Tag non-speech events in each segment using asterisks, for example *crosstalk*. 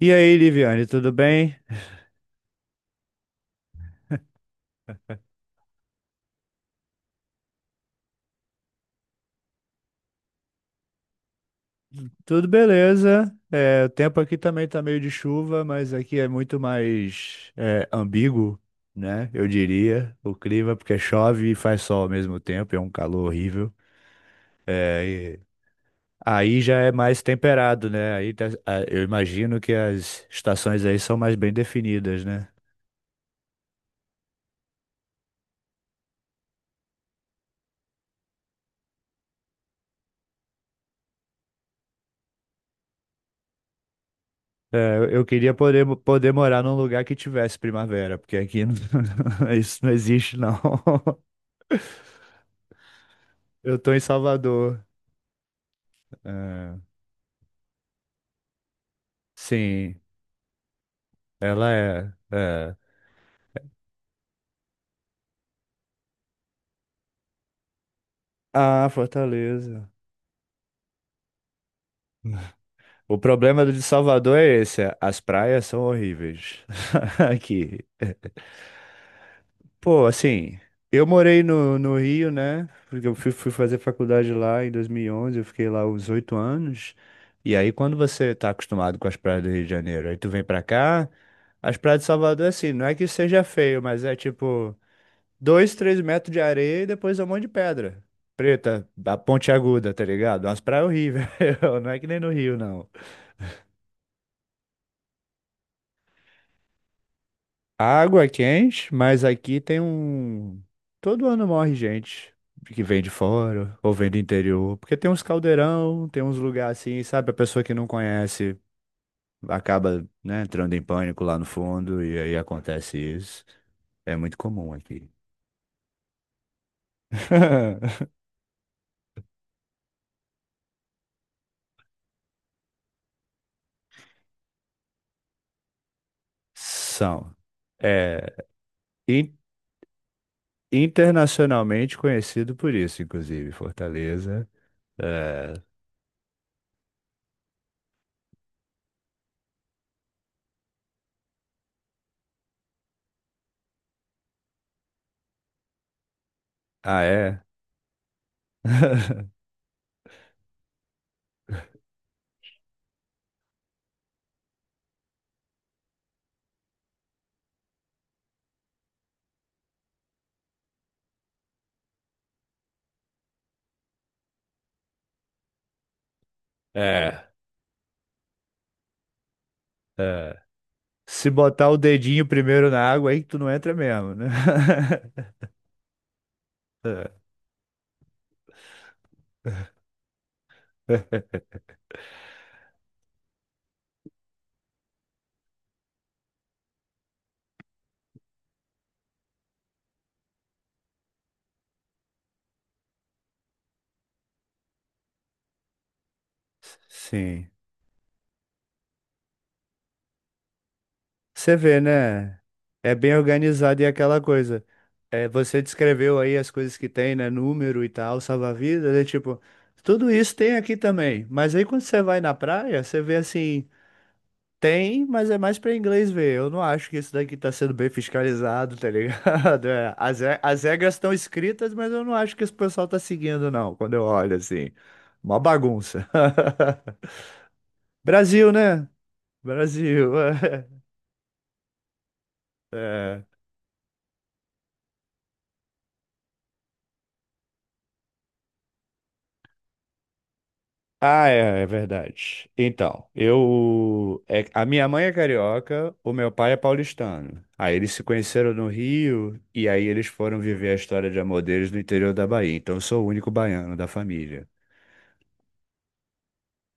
E aí, Liviane, tudo bem? Tudo beleza. O tempo aqui também tá meio de chuva, mas aqui é muito mais ambíguo, né? Eu diria, o clima, porque chove e faz sol ao mesmo tempo, é um calor horrível. E aí já é mais temperado, né? Eu imagino que as estações aí são mais bem definidas, né? Eu queria poder, morar num lugar que tivesse primavera, porque aqui não- *laughs* isso não existe, não. *laughs* Eu tô em Salvador. É, sim, ela é, é. Ah, Fortaleza. *laughs* O problema do de Salvador é esse, as praias são horríveis *laughs* aqui. Pô, assim, eu morei no Rio, né? Porque eu fui fazer faculdade lá em 2011, eu fiquei lá uns 8 anos. E aí, quando você tá acostumado com as praias do Rio de Janeiro, aí tu vem pra cá, as praias de Salvador, assim, não é que seja feio, mas é tipo. Dois, 3 metros de areia e depois um monte de pedra. Preta, a ponte aguda, tá ligado? Umas praias horríveis. *laughs* Não é que nem no Rio, não. A água é quente, mas aqui tem um. Todo ano morre gente que vem de fora ou vem do interior. Porque tem uns caldeirão, tem uns lugares assim, sabe? A pessoa que não conhece acaba, né, entrando em pânico lá no fundo e aí acontece isso. É muito comum aqui. *laughs* São. É. Internacionalmente conhecido por isso, inclusive, Fortaleza. É. Ah, é? *laughs* É, é. Se botar o dedinho primeiro na água, aí tu não entra mesmo, né? *laughs* É. É. Sim. Você vê, né? É bem organizado e é aquela coisa. É, você descreveu aí as coisas que tem, né? Número e tal, salva-vidas, é tipo, tudo isso tem aqui também. Mas aí quando você vai na praia, você vê assim. Tem, mas é mais pra inglês ver. Eu não acho que isso daqui tá sendo bem fiscalizado, tá ligado? *laughs* As regras estão escritas, mas eu não acho que esse pessoal tá seguindo, não, quando eu olho assim. Uma bagunça. *laughs* Brasil, né? Brasil. *laughs* É. Ah, é, é verdade. Então, eu, a minha mãe é carioca, o meu pai é paulistano. Aí eles se conheceram no Rio e aí eles foram viver a história de amor deles no interior da Bahia. Então eu sou o único baiano da família.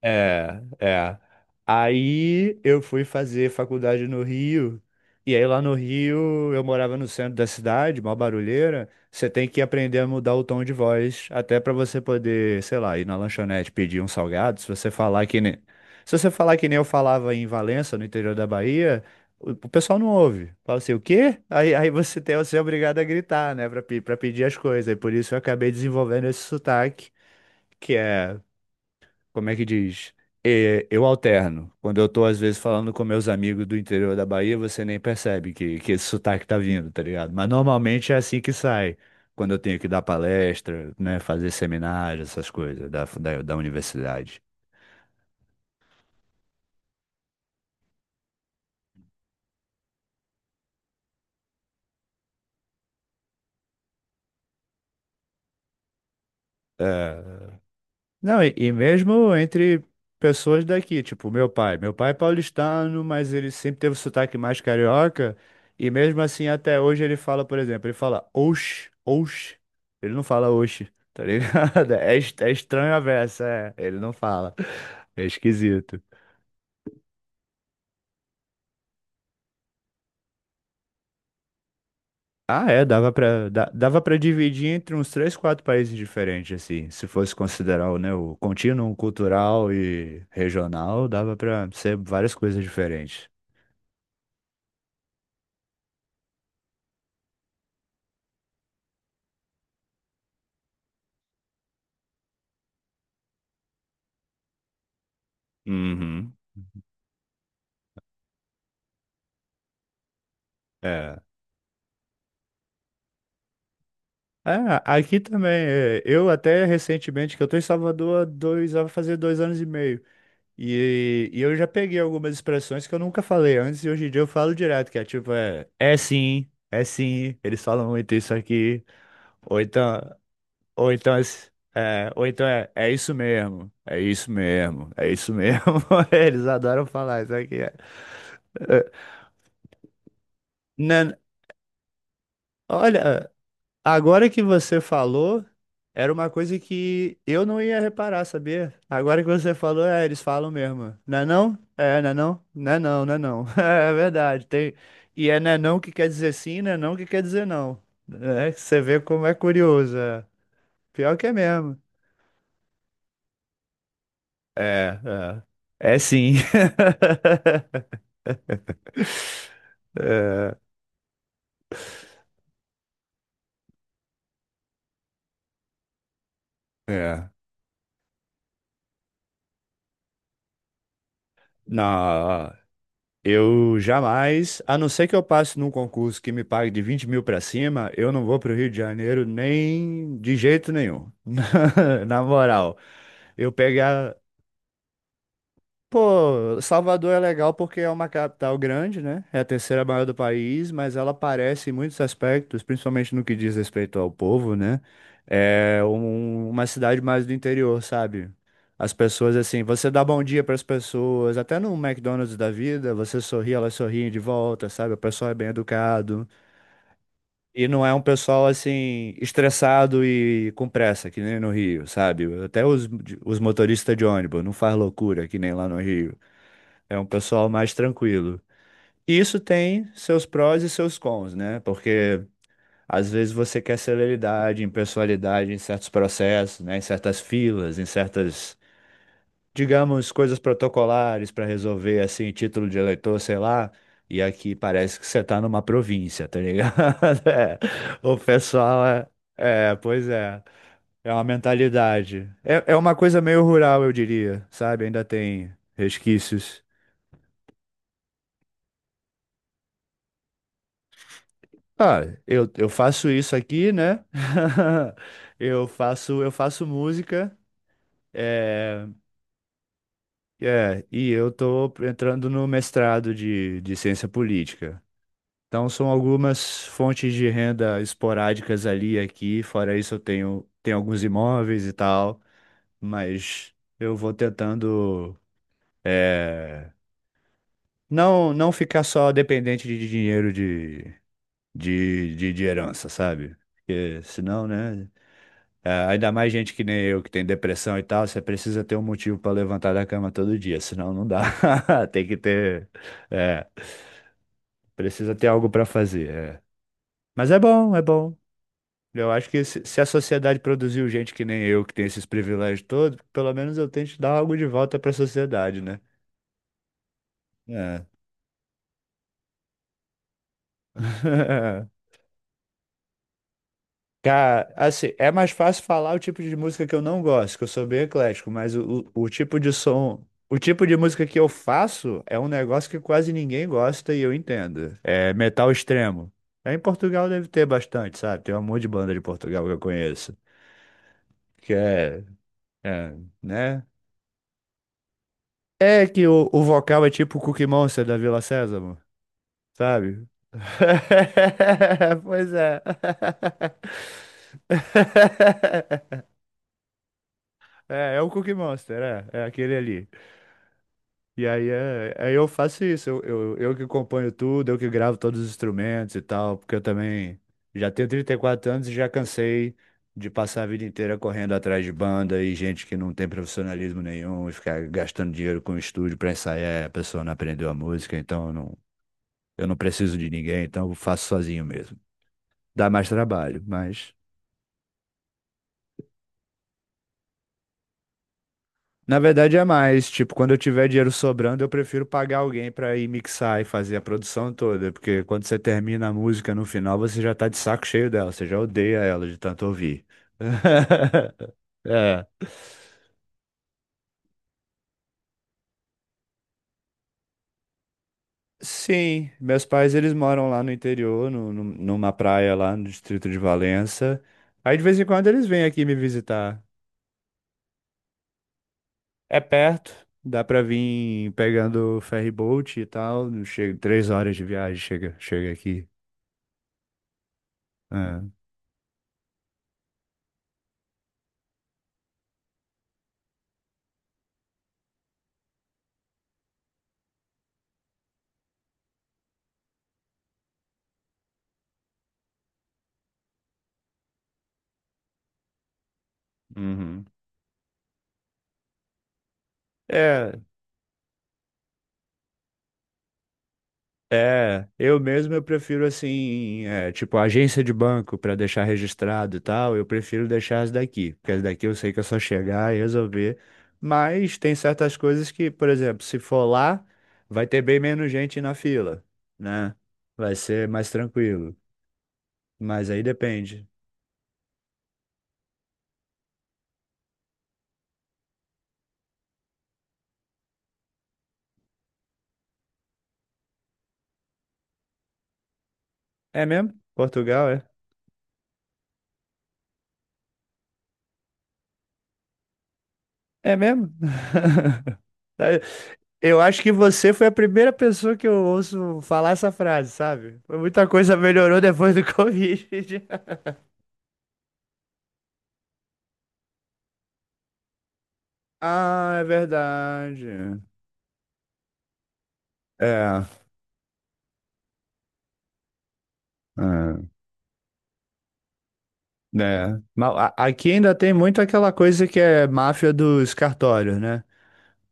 É, é. Aí eu fui fazer faculdade no Rio. E aí lá no Rio, eu morava no centro da cidade, mó barulheira. Você tem que aprender a mudar o tom de voz, até pra você poder, sei lá, ir na lanchonete pedir um salgado. Se você falar que nem, se você falar que nem eu falava em Valença, no interior da Bahia, o pessoal não ouve. Fala assim, o quê? Aí, você tem, você é obrigado a gritar, né, pra pedir as coisas. E por isso eu acabei desenvolvendo esse sotaque, que é como é que diz? É, eu alterno. Quando eu tô, às vezes, falando com meus amigos do interior da Bahia, você nem percebe que esse sotaque tá vindo, tá ligado? Mas normalmente é assim que sai. Quando eu tenho que dar palestra, né, fazer seminário, essas coisas da universidade. É, Não, e mesmo entre pessoas daqui, tipo meu pai. Meu pai é paulistano, mas ele sempre teve o sotaque mais carioca. E mesmo assim, até hoje ele fala, por exemplo, ele fala oxe, oxe. Ele não fala oxe, tá ligado? *laughs* É estranho a versa, é. Ele não fala. É esquisito. Ah, é, dava dava pra dividir entre uns três, quatro países diferentes, assim. Se fosse considerar, o, né, o contínuo cultural e regional, dava pra ser várias coisas diferentes. Uhum. É. Ah, aqui também. Eu até recentemente, que eu tô em Salvador há vai fazer 2 anos e meio. E eu já peguei algumas expressões que eu nunca falei antes e hoje em dia eu falo direto, que é tipo, é, é sim, eles falam muito isso aqui. Ou então, ou então, ou então é, é isso mesmo, é isso mesmo, é isso mesmo. *laughs* Eles adoram falar isso aqui. É. Nan- Olha, agora que você falou, era uma coisa que eu não ia reparar, sabia? Agora que você falou, é, eles falam mesmo. Não é não? É, não é não? Não é não, não é não. *laughs* É verdade. Tem... E é não que quer dizer sim, não é não que quer dizer não. É, você vê como é curioso. É. Pior que é mesmo. É, é. É sim. *laughs* É, é. Não. Eu jamais, a não ser que eu passe num concurso que me pague de 20 mil para cima, eu não vou para o Rio de Janeiro nem de jeito nenhum. *laughs* Na moral, eu pegar Pô, Salvador é legal porque é uma capital grande, né? É a terceira maior do país, mas ela parece em muitos aspectos, principalmente no que diz respeito ao povo, né? É uma cidade mais do interior, sabe? As pessoas, assim, você dá bom dia para as pessoas, até no McDonald's da vida, você sorri, elas sorriem de volta, sabe? O pessoal é bem educado. E não é um pessoal, assim, estressado e com pressa, que nem no Rio, sabe? Até os motoristas de ônibus não faz loucura, que nem lá no Rio. É um pessoal mais tranquilo. E isso tem seus prós e seus cons, né? Porque às vezes você quer celeridade, impessoalidade em certos processos, né? Em certas filas, em certas, digamos, coisas protocolares para resolver, assim, título de eleitor, sei lá. E aqui parece que você tá numa província, tá ligado? *laughs* É. O pessoal é. É, pois é. É uma mentalidade. É, é uma coisa meio rural, eu diria, sabe? Ainda tem resquícios. Ah, eu faço isso aqui, né? *laughs* Eu faço música, é, e eu tô entrando no mestrado de ciência política. Então, são algumas fontes de renda esporádicas ali e aqui. Fora isso, eu tenho alguns imóveis e tal, mas eu vou tentando, é, não ficar só dependente de dinheiro de herança, sabe? Porque senão, né? É, ainda mais gente que nem eu, que tem depressão e tal, você precisa ter um motivo para levantar da cama todo dia, senão não dá. *laughs* Tem que ter, é, precisa ter algo para fazer. É. Mas é bom, é bom. Eu acho que se a sociedade produziu gente que nem eu, que tem esses privilégios todos, pelo menos eu tento dar algo de volta para a sociedade, né? É. *laughs* Cara, assim, é mais fácil falar o tipo de música que eu não gosto, que eu sou bem eclético, mas o tipo de som, o tipo de música que eu faço é um negócio que quase ninguém gosta e eu entendo. É metal extremo. É, em Portugal deve ter bastante, sabe? Tem um monte de banda de Portugal que eu conheço. Que é, é, né? É que o vocal é tipo o Cookie Monster da Vila Sésamo, sabe? *laughs* Pois é. *laughs* É, é o Cookie Monster, é, é aquele ali. E aí, é, aí eu faço isso, eu que componho tudo, eu que gravo todos os instrumentos e tal, porque eu também já tenho 34 anos e já cansei de passar a vida inteira correndo atrás de banda e gente que não tem profissionalismo nenhum e ficar gastando dinheiro com o estúdio pra ensaiar, a pessoa não aprendeu a música, então eu não preciso de ninguém, então eu faço sozinho mesmo. Dá mais trabalho, mas Na verdade é mais, tipo, quando eu tiver dinheiro sobrando, eu prefiro pagar alguém pra ir mixar e fazer a produção toda, porque quando você termina a música no final, você já tá de saco cheio dela, você já odeia ela de tanto ouvir. *laughs* É. Sim, meus pais eles moram lá no interior, numa praia lá no distrito de Valença. Aí de vez em quando eles vêm aqui me visitar. É perto, dá pra vir pegando ferry boat e tal, chega 3 horas de viagem, chega, chega aqui. É. Uhum. É, é. Eu mesmo eu prefiro assim, é, tipo agência de banco para deixar registrado e tal. Eu prefiro deixar as daqui, porque as daqui eu sei que é só chegar e resolver. Mas tem certas coisas que, por exemplo, se for lá, vai ter bem menos gente na fila, né? Vai ser mais tranquilo. Mas aí depende. É mesmo? Portugal, é? É mesmo? *laughs* Eu acho que você foi a primeira pessoa que eu ouço falar essa frase, sabe? Foi muita coisa melhorou depois do *laughs* Covid. Ah, é verdade. É, é, né? Mas aqui ainda tem muito aquela coisa que é máfia dos cartórios, né?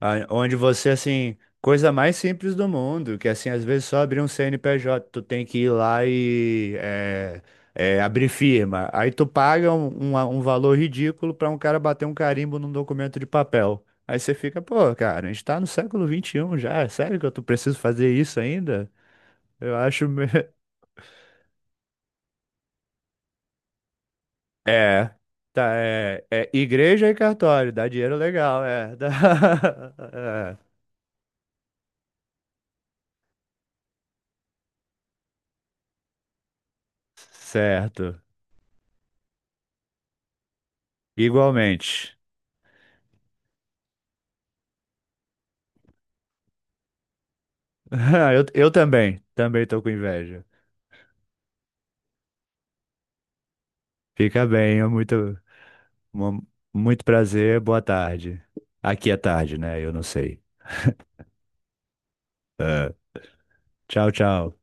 onde você, assim, coisa mais simples do mundo, que, assim, às vezes só abrir um CNPJ, tu tem que ir lá é, abrir firma. Aí tu paga um valor ridículo pra um cara bater um carimbo num documento de papel. Aí você fica, pô, cara, a gente tá no século 21 já, é sério que eu tô preciso fazer isso ainda? Eu acho... *laughs* É, tá, é, é igreja e cartório, dá dinheiro legal, é. *laughs* dá- é, certo. Igualmente. *laughs* Eu também, também tô com inveja. Fica bem, é muito, mu- muito prazer, boa tarde. Aqui é tarde, né? Eu não sei. Ah, tchau, tchau.